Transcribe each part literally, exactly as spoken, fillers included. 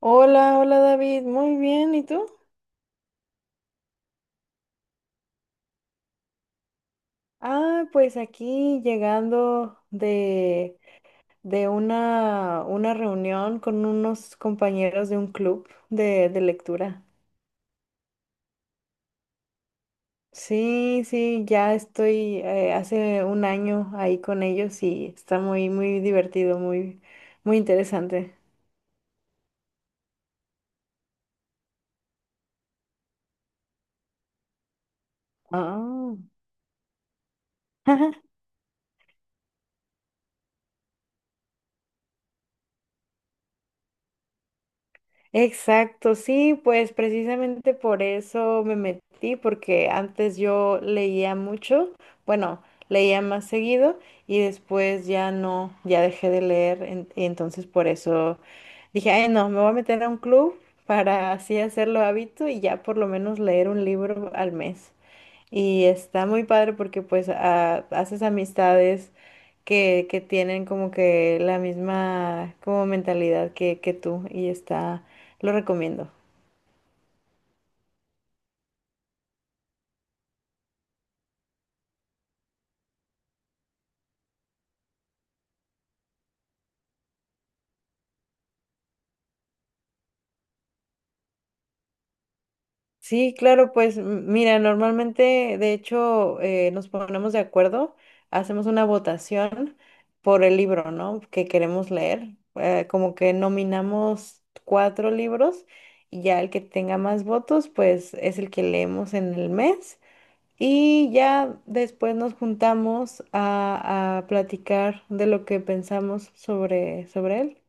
Hola, hola David, muy bien, ¿y tú? Ah, pues aquí llegando de, de una, una reunión con unos compañeros de un club de, de lectura. Sí, sí, ya estoy eh, hace un año ahí con ellos y está muy, muy divertido, muy, muy interesante. Ah. Exacto, sí, pues precisamente por eso me metí, porque antes yo leía mucho, bueno, leía más seguido y después ya no, ya dejé de leer, en- y entonces por eso dije, ay no, me voy a meter a un club para así hacerlo hábito y ya por lo menos leer un libro al mes. Y está muy padre porque pues ah, haces amistades que, que tienen como que la misma como mentalidad que, que tú y está, lo recomiendo. Sí, claro, pues m- mira, normalmente de hecho eh, nos ponemos de acuerdo, hacemos una votación por el libro, ¿no? Que queremos leer, eh, como que nominamos cuatro libros y ya el que tenga más votos pues es el que leemos en el mes. Y ya después nos juntamos a, a platicar de lo que pensamos sobre, sobre él.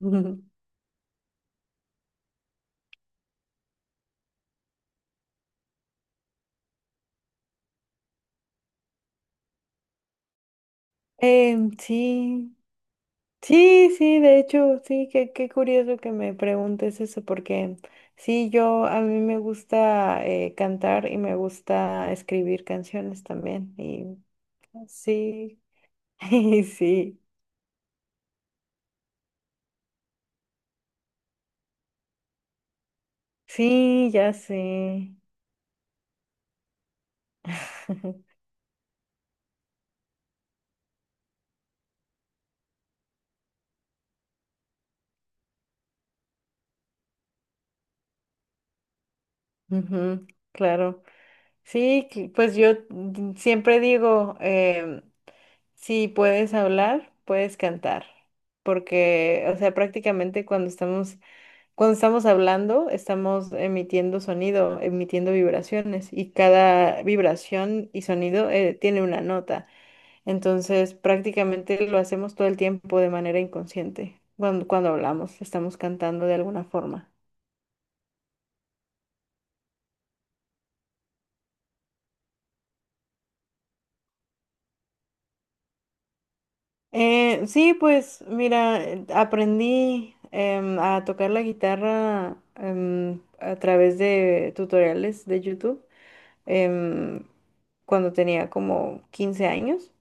Em, sí, sí, sí, de hecho, sí, qué, qué curioso que me preguntes eso, porque sí, yo a mí me gusta eh, cantar y me gusta escribir canciones también. Y sí, sí, sí, ya sé. Ujú, claro. Sí, que- pues yo mm, siempre digo, em, si puedes hablar, puedes cantar, porque, o sea, prácticamente cuando estamos, cuando estamos hablando, estamos emitiendo sonido, emitiendo vibraciones, y cada vibración y sonido, eh, tiene una nota. Entonces, prácticamente lo hacemos todo el tiempo de manera inconsciente. Cuando, cuando hablamos, estamos cantando de alguna forma. Eh, sí, pues mira, eh, aprendí em, a tocar la guitarra em, a través de tutoriales de YouTube, em, cuando tenía como quince años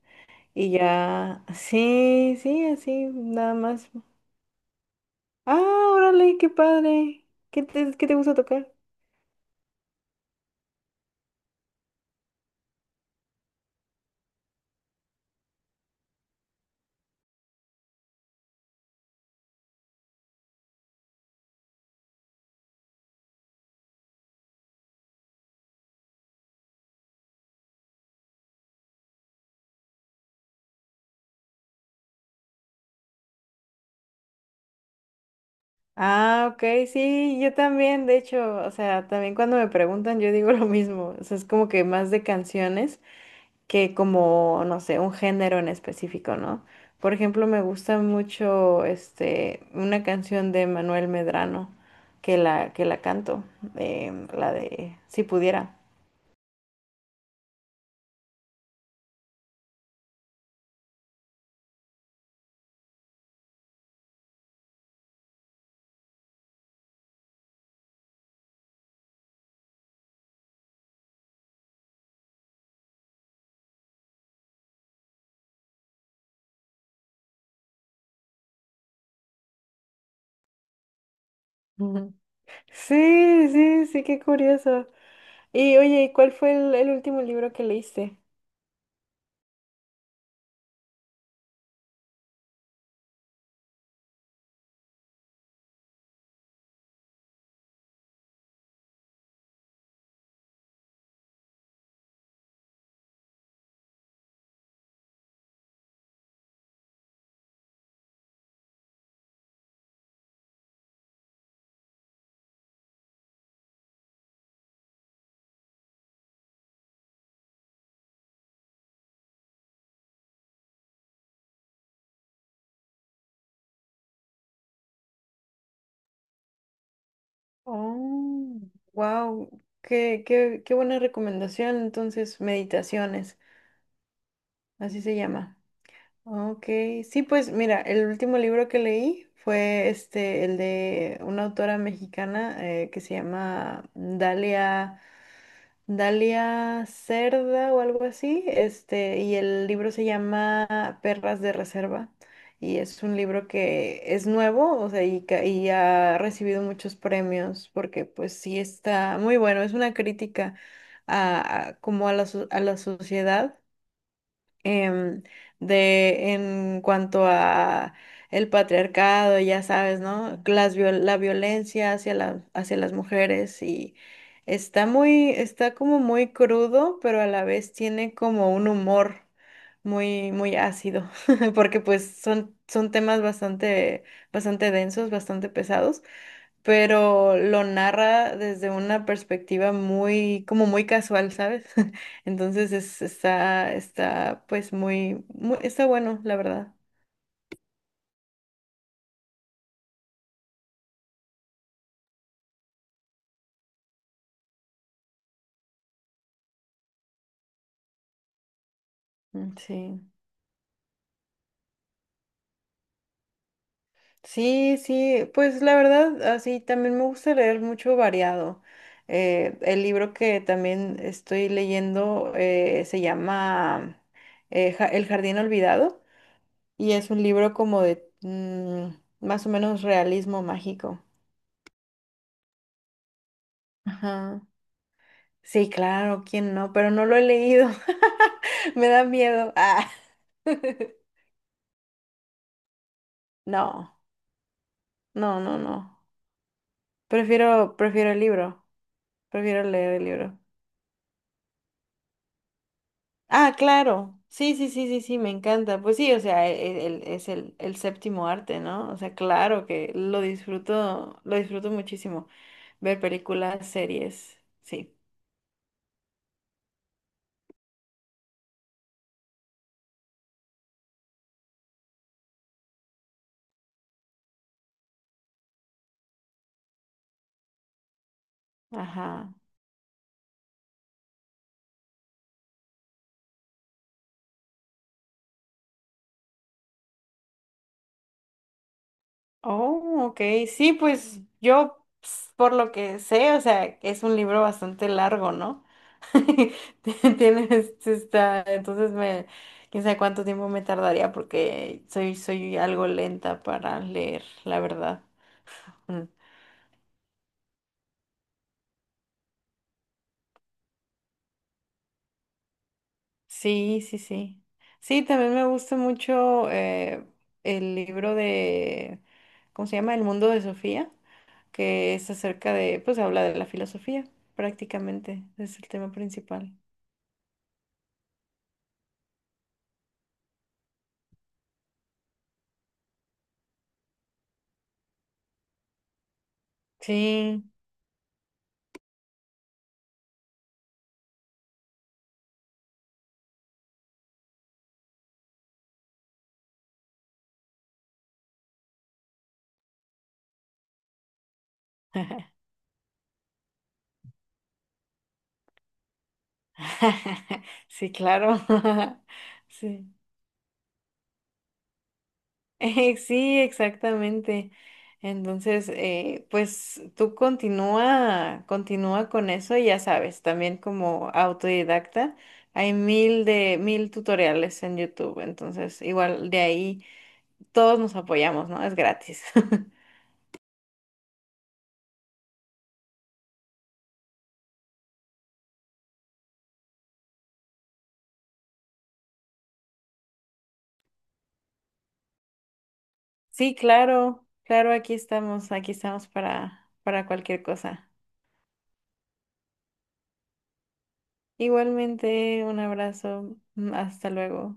y ya, sí, sí, así, nada más. Ah, órale, qué padre. ¿Qué te, qué te gusta tocar? Ah, ok, sí, yo también, de hecho, o sea, también cuando me preguntan yo digo lo mismo, o sea, es como que más de canciones. Que como, no sé, un género en específico, ¿no? Por ejemplo, me gusta mucho este, una canción de Manuel Medrano que la, que la canto, em, la de Si pudiera. Ujú. Sí, sí, sí, qué curioso. Y oye, ¿y cuál fue el, el último libro que leíste? Oh, wow, qué, qué, qué buena recomendación. Entonces, Meditaciones, así se llama. Ok, sí, pues mira, el último libro que leí fue este, el de una autora mexicana, eh, que se llama Dalia, Dalia Cerda o algo así, este, y el libro se llama Perras de Reserva, y es un libro que es nuevo, o sea, y, ca- y ha recibido muchos premios, porque pues sí está muy bueno, es una crítica a, a- como a la so- a la sociedad, em, de en cuanto a el patriarcado, ya sabes, ¿no? Las viol- la violencia hacia la- hacia las mujeres y está muy, está como muy crudo, pero a la vez tiene como un humor muy, muy ácido, porque pues son, son temas bastante, bastante densos, bastante pesados, pero lo narra desde una perspectiva muy, como muy casual, ¿sabes? Entonces es- está, está, pues muy, muy, está bueno, la verdad. Mm, sí. Sí, sí, pues la verdad, así también me gusta leer mucho variado. Eh, el libro que también estoy leyendo, eh, se llama, eh, Ja- El Jardín Olvidado, y es un libro como de mm, más o menos realismo mágico. Ajá. Sí, claro, ¿quién no? Pero no lo he leído. Me da miedo. Ah. No, no, no, no. Prefiero, prefiero el libro. Prefiero leer el libro. Ah, claro. Sí, sí, sí, sí, sí, me encanta. Pues sí, o sea, e- el- es el, el séptimo arte, ¿no? O sea, claro que lo disfruto, lo disfruto muchísimo. Ver películas, series, sí. Ajá. Oh, ok. Sí, pues yo, ps, por lo que sé, o sea, es un libro bastante largo, ¿no? Tien- Tienes, este, está, entonces me, quién sabe cuánto tiempo me tardaría porque soy, soy algo lenta para leer, la verdad. Mm. Sí, sí, sí. Sí, también me gusta mucho, eh, el libro de, ¿cómo se llama? El mundo de Sofía, que es acerca de, pues habla de la filosofía, prácticamente, es el tema principal. Sí. Sí, claro. Sí. Sí, exactamente. Entonces, eh, pues tú continúa, continúa con eso y ya sabes, también como autodidacta hay mil de mil tutoriales en YouTube, entonces igual de ahí todos nos apoyamos, ¿no? Es gratis. Sí, claro, claro, aquí estamos, aquí estamos para para cualquier cosa. Igualmente, un abrazo, mm, hasta luego.